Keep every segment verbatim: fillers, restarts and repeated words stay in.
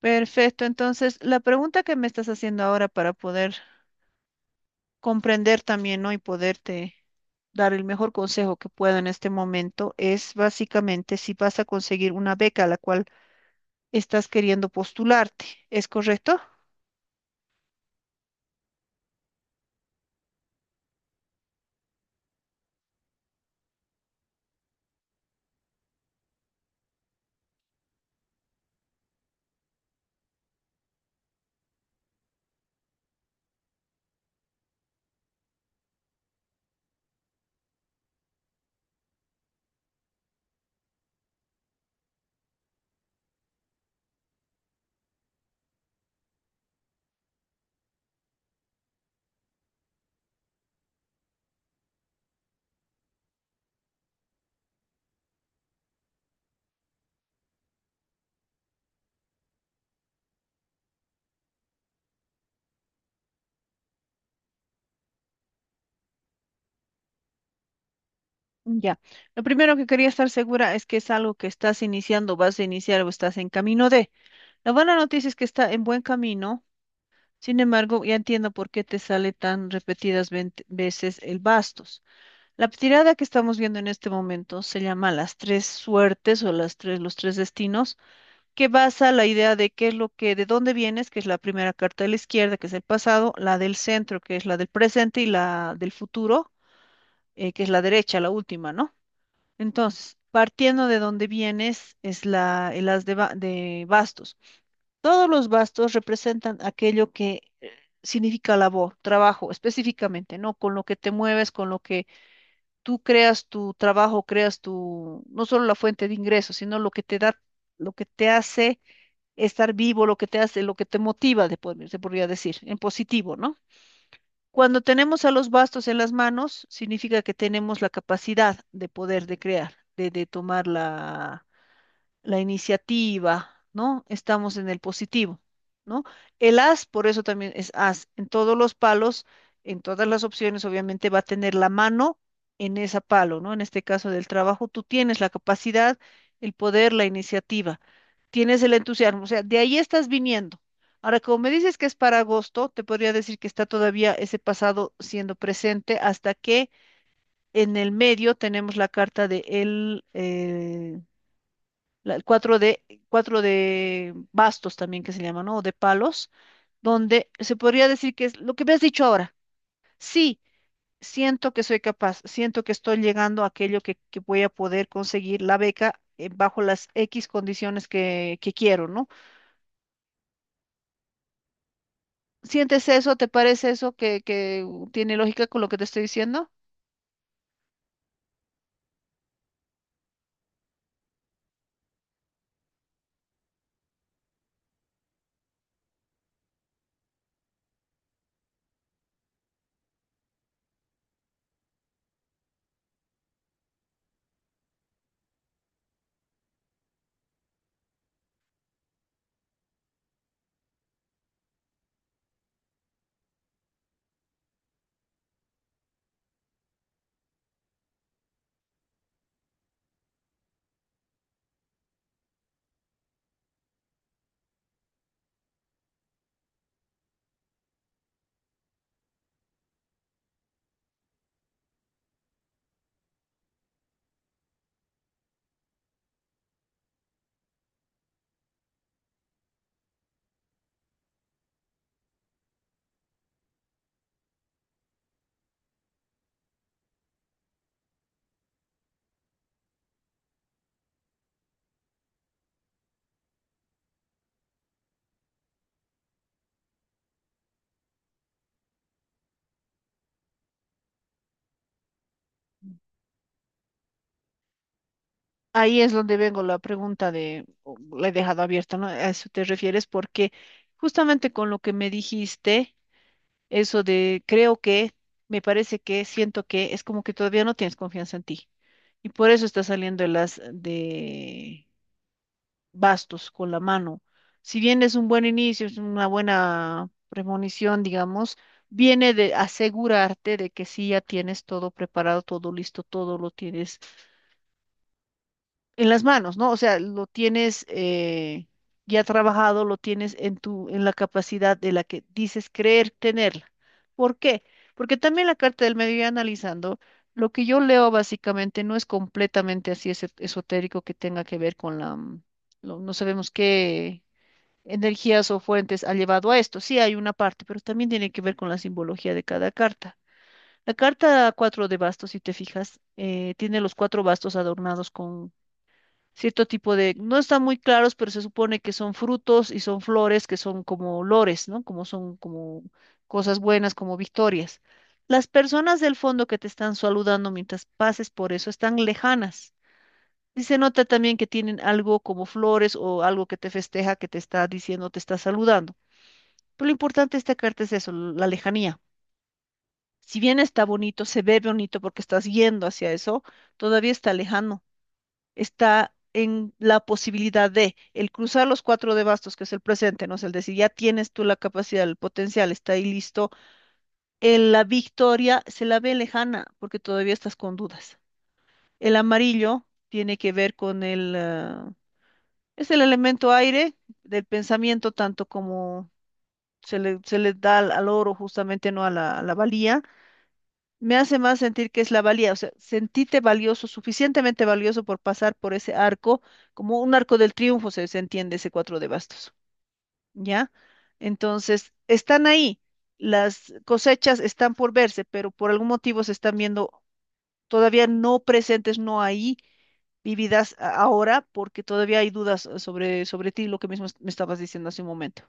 Perfecto, entonces la pregunta que me estás haciendo ahora para poder comprender también, ¿no? Y poderte dar el mejor consejo que puedo en este momento es básicamente si vas a conseguir una beca a la cual estás queriendo postularte, ¿es correcto? Ya. Lo primero que quería estar segura es que es algo que estás iniciando, vas a iniciar o estás en camino de. La buena noticia es que está en buen camino, sin embargo, ya entiendo por qué te sale tan repetidas ven- veces el bastos. La tirada que estamos viendo en este momento se llama las tres suertes o las tres, los tres destinos, que basa la idea de qué es lo que, de dónde vienes, que es la primera carta de la izquierda, que es el pasado, la del centro, que es la del presente, y la del futuro, eh, que es la derecha, la última, ¿no? Entonces, partiendo de dónde vienes, es la, el as de, ba- de bastos. Todos los bastos representan aquello que eh, significa labor, trabajo, específicamente, ¿no? Con lo que te mueves, con lo que tú creas tu trabajo, creas tu, no solo la fuente de ingresos, sino lo que te da, lo que te hace estar vivo, lo que te hace, lo que te motiva, de pod- se podría decir, en positivo, ¿no? Cuando tenemos a los bastos en las manos, significa que tenemos la capacidad de poder de crear, de, de tomar la la iniciativa, ¿no? Estamos en el positivo, ¿no? El as, por eso también es as. En todos los palos, en todas las opciones, obviamente va a tener la mano en ese palo, ¿no? En este caso del trabajo, tú tienes la capacidad, el poder, la iniciativa, tienes el entusiasmo, o sea, de ahí estás viniendo. Ahora, como me dices que es para agosto, te podría decir que está todavía ese pasado siendo presente hasta que en el medio tenemos la carta de el, eh, la- el cuatro de, cuatro de bastos también que se llama, ¿no? O de palos, donde se podría decir que es lo que me has dicho ahora. Sí, siento que soy capaz, siento que estoy llegando a aquello que, que voy a poder conseguir la beca eh, bajo las X condiciones que, que quiero, ¿no? ¿Sientes eso? ¿Te parece eso que, que tiene lógica con lo que te estoy diciendo? Ahí es donde vengo la pregunta de, o la he dejado abierta, ¿no? A eso te refieres porque justamente con lo que me dijiste. Eso de creo que, me parece que, siento que, es como que todavía no tienes confianza en ti. Y por eso está saliendo el as de bastos con la mano. Si bien es un buen inicio, es una buena premonición, digamos, viene de asegurarte de que sí ya tienes todo preparado, todo listo, todo lo tienes en las manos, ¿no? O sea, lo tienes eh, ya trabajado, lo tienes en tu, en la capacidad de la que dices creer tenerla. ¿Por qué? Porque también la carta del medio, ya analizando, lo que yo leo básicamente no es completamente así ese- esotérico que tenga que ver con la, mm, lo- no sabemos qué energías o fuentes ha llevado a esto. Sí, hay una parte, pero también tiene que ver con la simbología de cada carta. La carta cuatro de bastos, si te fijas, eh, tiene los cuatro bastos adornados cierto tipo de, no están muy claros, pero se supone que son frutos y son flores que son como olores, ¿no? Como son como cosas buenas, como victorias. Las personas del fondo que te están saludando mientras pases por eso están lejanas. Y se nota también que tienen algo como flores o algo que te festeja, que te está diciendo, te está saludando. Pero lo importante de esta carta es eso, la lejanía. Si bien está bonito, se ve bonito porque estás yendo hacia eso, todavía está lejano, está en la posibilidad de el cruzar los cuatro de bastos, que es el presente, ¿no? Es el decir, ya tienes tú la capacidad, el potencial, está ahí listo. El- la victoria se la ve lejana porque todavía estás con dudas. El amarillo tiene que ver con el, ah, es el elemento aire del pensamiento, tanto como se le, se le da al, al oro justamente, ¿no? A la, a la valía. Me hace más sentir que es la valía, o sea, sentíte valioso, suficientemente valioso por pasar por ese arco, como un arco del triunfo, se, se entiende ese cuatro de bastos, ¿ya? Entonces, están ahí, las cosechas están por verse, pero por algún motivo se están viendo todavía no presentes, no ahí, vividas a- ahora, porque todavía hay dudas eh, sobre, sobre ti, lo que mismo es- me estabas diciendo hace un momento.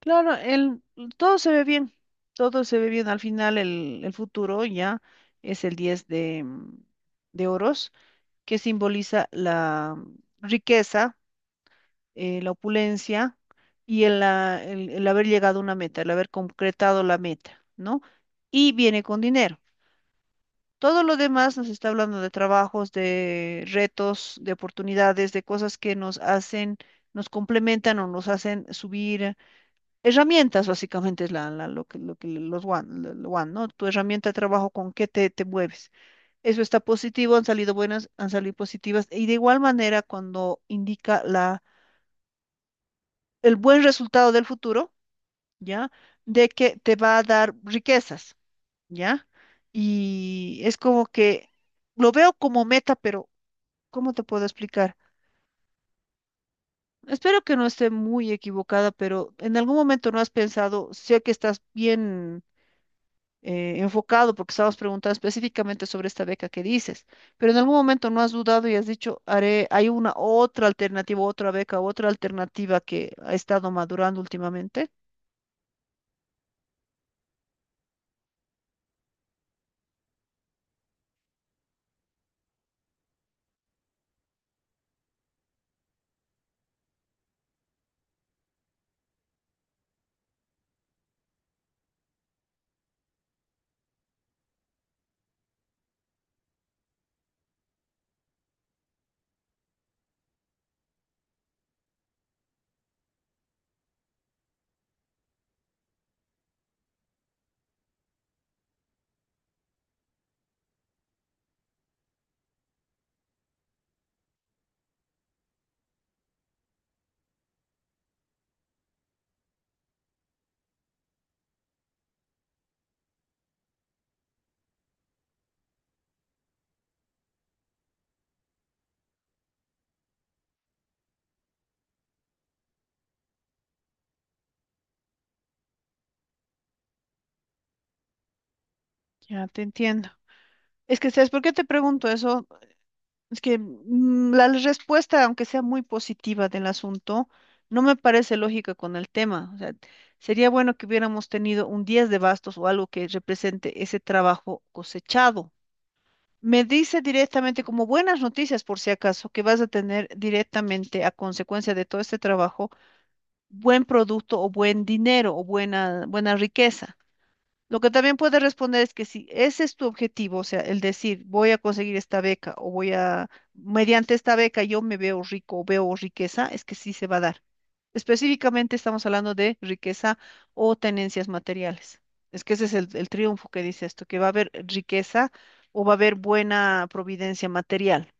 Claro, el, todo se ve bien, todo se ve bien. Al final el, el futuro ya es el diez de, mm, de oros, que simboliza la riqueza, eh, la opulencia y el, ah, el- el haber llegado a una meta, el haber concretado la meta, ¿no? Y viene con dinero. Todo lo demás nos está hablando de trabajos, de retos, de oportunidades, de cosas que nos hacen, nos complementan o nos hacen subir. Herramientas básicamente es la, la- lo que, lo que los One, lo- lo One, ¿no? Tu herramienta de trabajo, con qué te, te mueves. Eso está positivo, han salido buenas, han salido positivas. Y de igual manera, cuando indica la, el buen resultado del futuro, ¿ya? De que te va a dar riquezas, ¿ya? Y es como que lo veo como meta, pero ¿cómo te puedo explicar? Espero que no esté muy equivocada, pero en algún momento no has pensado, sé que estás bien eh, enfocado, porque estabas preguntando específicamente sobre esta beca que dices, pero en algún momento no has dudado y has dicho, haré, hay una otra alternativa, otra beca, otra alternativa que ha estado madurando últimamente. Ya te entiendo. Es que, ¿sabes por qué te pregunto eso? Es que mm, la respuesta, aunque sea muy positiva del asunto, no me parece lógica con el tema. O sea, sería bueno que hubiéramos tenido un diez de bastos o algo que represente ese trabajo cosechado. Me dice directamente, como buenas noticias por si acaso, que vas a tener directamente a consecuencia de todo este trabajo, buen producto o buen dinero o buena, buena riqueza. Lo que también puedes responder es que si ese es tu objetivo, o sea, el decir, voy a conseguir esta beca o voy a, mediante esta beca yo me veo rico o veo riqueza, es que sí se va a dar. Específicamente estamos hablando de riqueza o tenencias materiales. Es que ese es el, el triunfo que dice esto, que va a haber riqueza o va a haber buena providencia material.